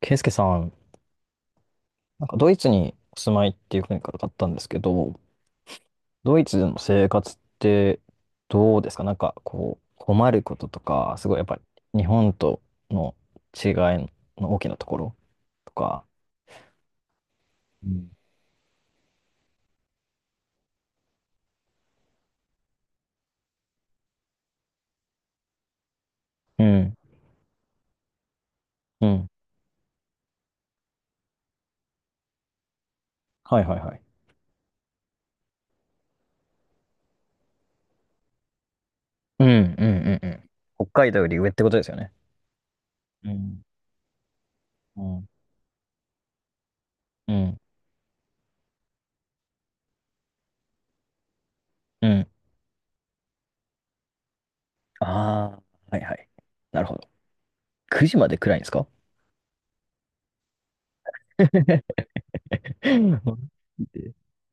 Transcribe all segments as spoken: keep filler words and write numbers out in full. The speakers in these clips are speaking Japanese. ケイスケさん、なんかドイツにお住まいっていう国からかったんですけど、ドイツでの生活ってどうですか。なんかこう、困ることとか、すごいやっぱり日本との違いの大きなところとか。うんうん、うん。はいはいはい。うん、うん、うん、うん。北海道より上ってことですよね。うん、うん、うん、うん。ああ、はいはい。なるほど。くじまで暗いんですか？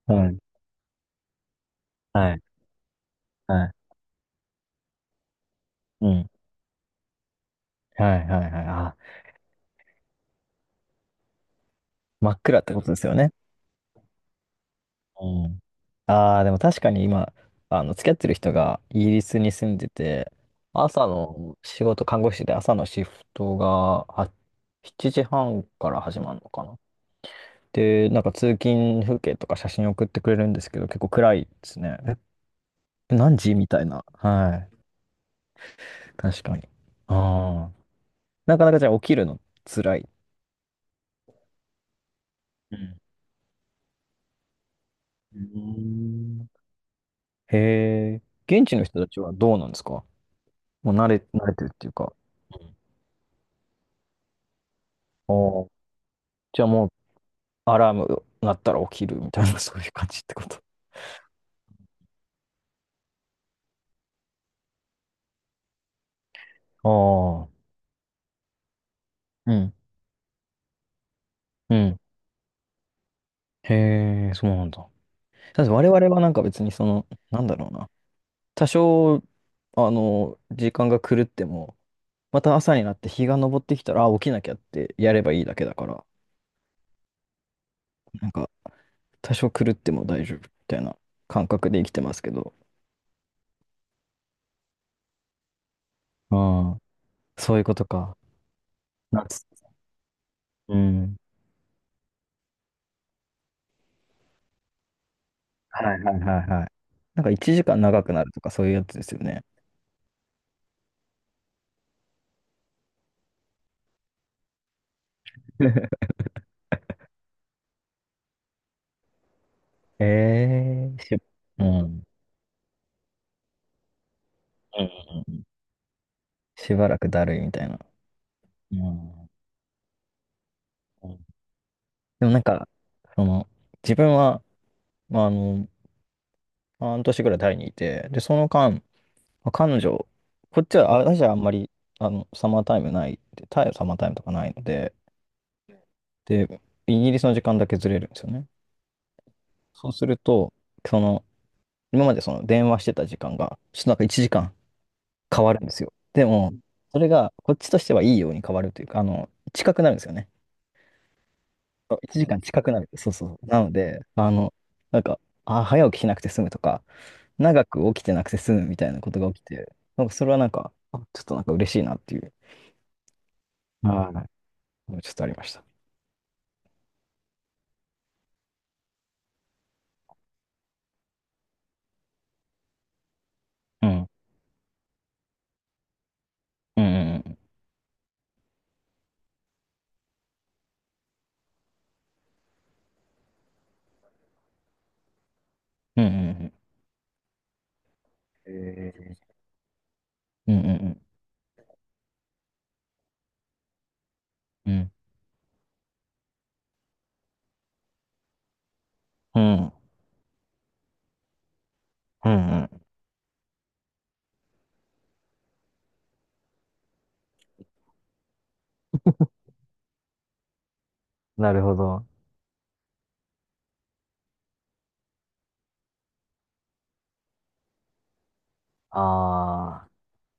はい。はい。はい。うん。はいはいはい。あ、真っ暗ってことですよね。うん。ああ、でも確かに今、あの、付き合ってる人がイギリスに住んでて、朝の仕事、看護師で朝のシフトがはしちじはんから始まるのかな。で、なんか通勤風景とか写真送ってくれるんですけど、結構暗いですね。え、何時みたいな。はい。確かに。ああ。なかなかじゃあ起きるの辛い。うん。うーん。へえ。現地の人たちはどうなんですか。もう慣れ、慣れてるっていうか、うん。おー。じゃあもうアラーム鳴ったら起きるみたいな、そういう感じってこと。ああ、うん、うん。へえ、そうなんだ。だって我々はなんか別にその、なんだろうな。多少、あの、時間が狂っても、また朝になって日が昇ってきたら、あ、起きなきゃってやればいいだけだから、なんか、多少狂っても大丈夫みたいな感覚で生きてますけど。ああ、そういうことか。夏。うん。はいはいはいはい。なんかいちじかん長くなるとかそういうやつですよね。ええー、し、うん。うんうんうん。しばらくだるいみたいな。うん、うん。でもなんか、その、自分は、まあ、あの、はんとしぐらいタイにいて、で、その間、まあ彼女、こっちは、あ、私はあんまり、あの、サマータイムない、でタイはサマータイムとかないので、で、イギリスの時間だけずれるんですよね。そうすると、その、今までその電話してた時間が、ちょっとなんかいちじかん変わるんですよ。でも、それがこっちとしてはいいように変わるというか、あの、近くなるんですよね。そ、いちじかん近くなる。そうそうそう。なので、あの、なんか、あ、早起きしなくて済むとか、長く起きてなくて済むみたいなことが起きて、なんかそれはなんか、あ、ちょっとなんか嬉しいなっていう、はい、ちょっとありました。うん。うんうんうん。うんうんうん。えー。うんうんうん。うん。うん。うんうん。なるほど。あ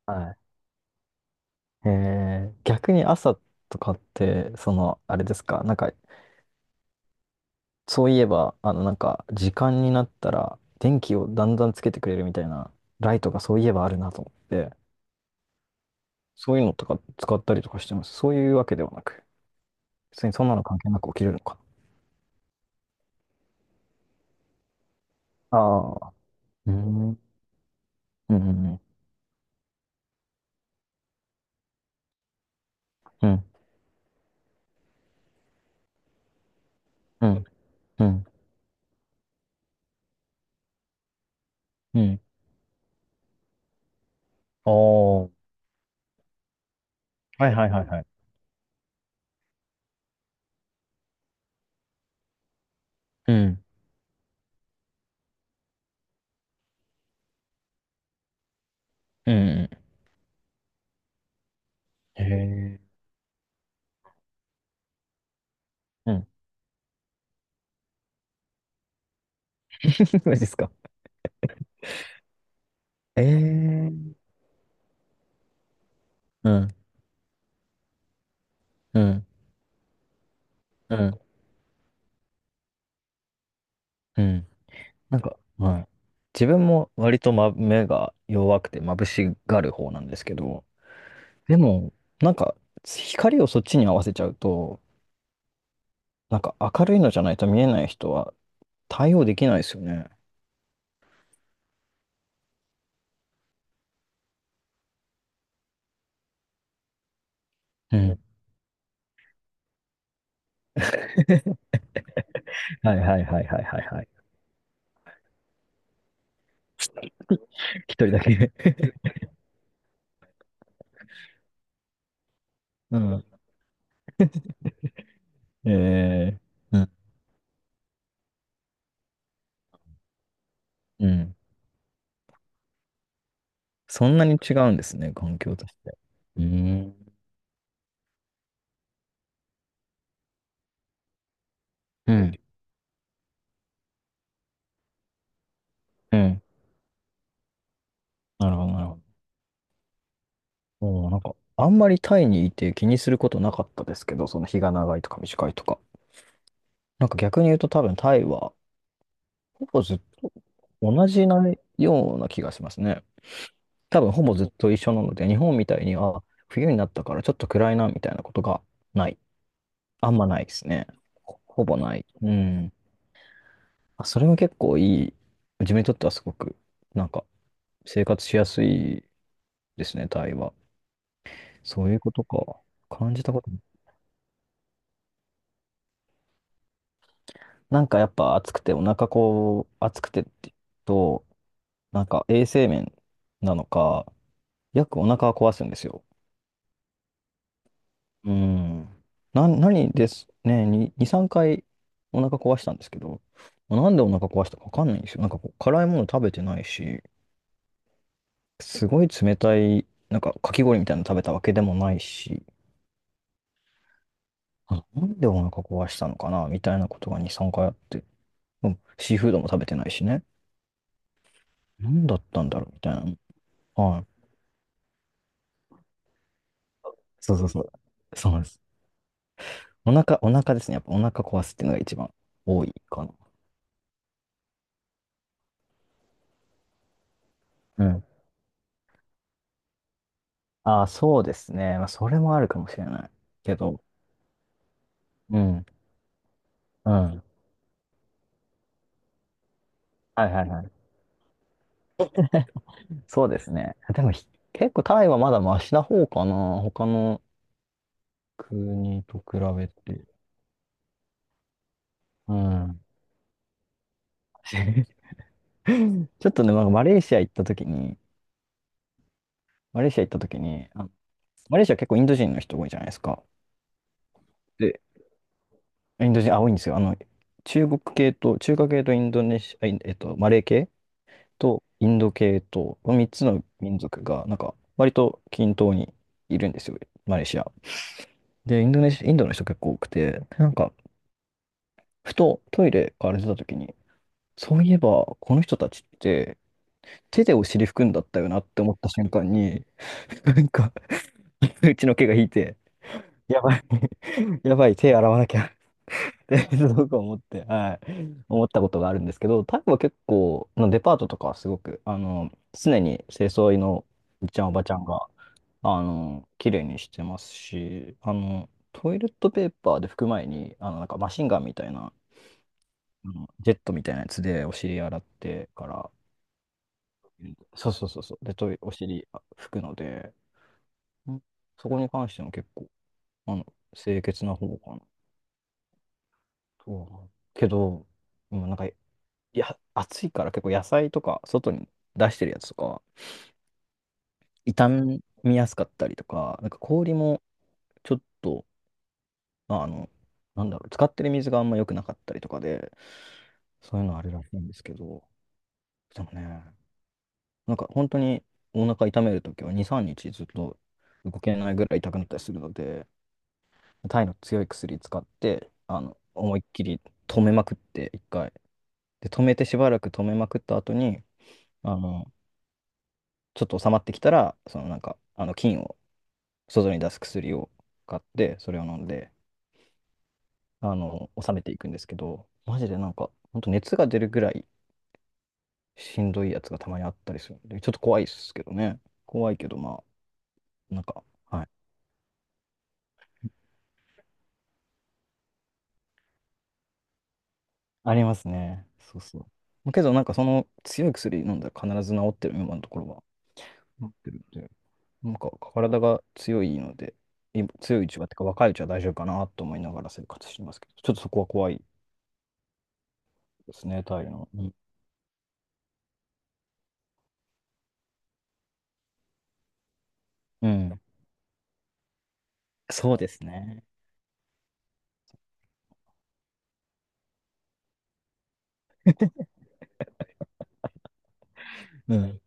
あ、はい。えー、逆に朝とかって、その、あれですか、なんかそういえば、あの、なんか、時間になったら、電気をだんだんつけてくれるみたいな、ライトがそういえばあるなと思って、そういうのとか使ったりとかしてます。そういうわけではなく、別にそんなの関係なく起きれるのかな。ああ、うん、うん、うん、うん、うん、うん、うん。ああ、はいはいはいはい。うん、うん、うん。へえ、うん。マジですか。ええ、うん、うん、うん、うん。なんか、はい。自分も割と、ま、目が弱くて眩しがる方なんですけど、でも、なんか、光をそっちに合わせちゃうと、なんか明るいのじゃないと見えない人は対応できないですよね。うん。はいはいはいはいはいはい。一人だけ。 うん。ええ。うん。うん。そんなに違うんですね、環境として。うーん。うん。うん。なるほどなるほど。もうなんか、あんまりタイにいて気にすることなかったですけど、その日が長いとか短いとか。なんか逆に言うと多分タイは、ほぼずっと同じなような気がしますね。多分ほぼずっと一緒なので、日本みたいに、あ、冬になったからちょっと暗いな、みたいなことがない。あんまないですね。ほほぼない。うん。あ、それも結構いい。自分にとってはすごく、なんか、生活しやすいですね、タイは。そういうことか。感じたこと、なんかやっぱ暑くて、お腹こう、暑くてって言うと、なんか衛生面なのか、よくお腹は壊すんですよ。うん。な、何ですね、に、に、さんかいお腹壊したんですけど、なんでお腹壊したかわかんないんですよ。なんかこう、辛いもの食べてないし、すごい冷たい、なんかかき氷みたいなの食べたわけでもないし、あ、なんでお腹壊したのかな、みたいなことがに、さんかいあって、うん、シーフードも食べてないしね。なんだったんだろう、みたいな。はい。そうそうそう。そうなんです。お腹、お腹ですね。やっぱお腹壊すっていうのが一番多いかな。うん。ああ、そうですね。まあ、それもあるかもしれない。けど、うん。うん。はいはいはい。そうですね。でもひ、結構タイはまだマシな方かな。他の国と比べて。うん。ちょっとね、なんかマレーシア行った時に、マレーシア行った時に、あ、マレーシア結構インド人の人多いじゃないですか。で、インド人、あ、多いんですよ。あの、中国系と、中華系とインドネシア、あいえっと、マレー系とインド系と、このみっつの民族が、なんか、割と均等にいるんですよ、マレーシア。で、インドネシア、インドの人結構多くて、なんか、ふとトイレから出た時に、そういえば、この人たちって、手でお尻拭くんだったよなって思った瞬間に、なんか、うちの毛が引いて、やばい、やばい、手洗わなきゃ ってすごく思って、はい、思ったことがあるんですけど、タイは結構、のデパートとかはすごく、あの、常に清掃員のおじちゃん、おばちゃんが、あの、綺麗にしてますし、あの、トイレットペーパーで拭く前に、あの、なんかマシンガンみたいな、あのジェットみたいなやつでお尻洗ってから、そうそうそうそう、で、トイレ、お尻あ拭くので、ん、そこに関しても結構、あの、清潔な方かなとは思うけど、う、なんかいや、暑いから結構野菜とか外に出してるやつとかは傷みやすかったりとか、なんか氷もちょっと、まあ、あの、なんだろう、使ってる水があんま良くなかったりとかで、そういうのあるらしいんですけど、でもね、なんか本当にお腹痛めるときはに、みっかずっと動けないぐらい痛くなったりするので、タイの強い薬使って、あの、思いっきり止めまくって、いっかい。で、止めてしばらく止めまくった後に、あの、ちょっと収まってきたら、そのなんか、あの、菌を外に出す薬を買って、それを飲んで、あの、収めていくんですけど、マジでなんか、ほんと熱が出るぐらいしんどいやつがたまにあったりするんで、ちょっと怖いですけどね。怖いけど、まあ、なんか、はい。ありますね。そうそう。けど、なんかその強い薬飲んだら必ず治ってる、今のところは。治ってるんで、なんか体が強いので、今強いうちは、ってか若いうちは大丈夫かなと思いながら生活してますけど、ちょっとそこは怖いですね、タイの。うん。うん、そうですね。うん。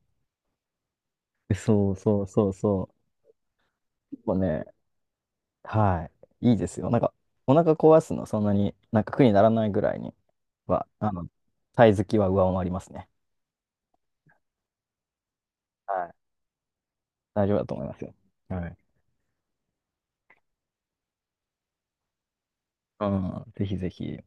そうそうそうそう。もうね、はい。いいですよ。なんか、お腹壊すの、そんなに、なんか苦にならないぐらいには、あの、タイ好きは上回りますね。はい。大丈夫だと思いますよ。はい。うん、ぜひぜひ。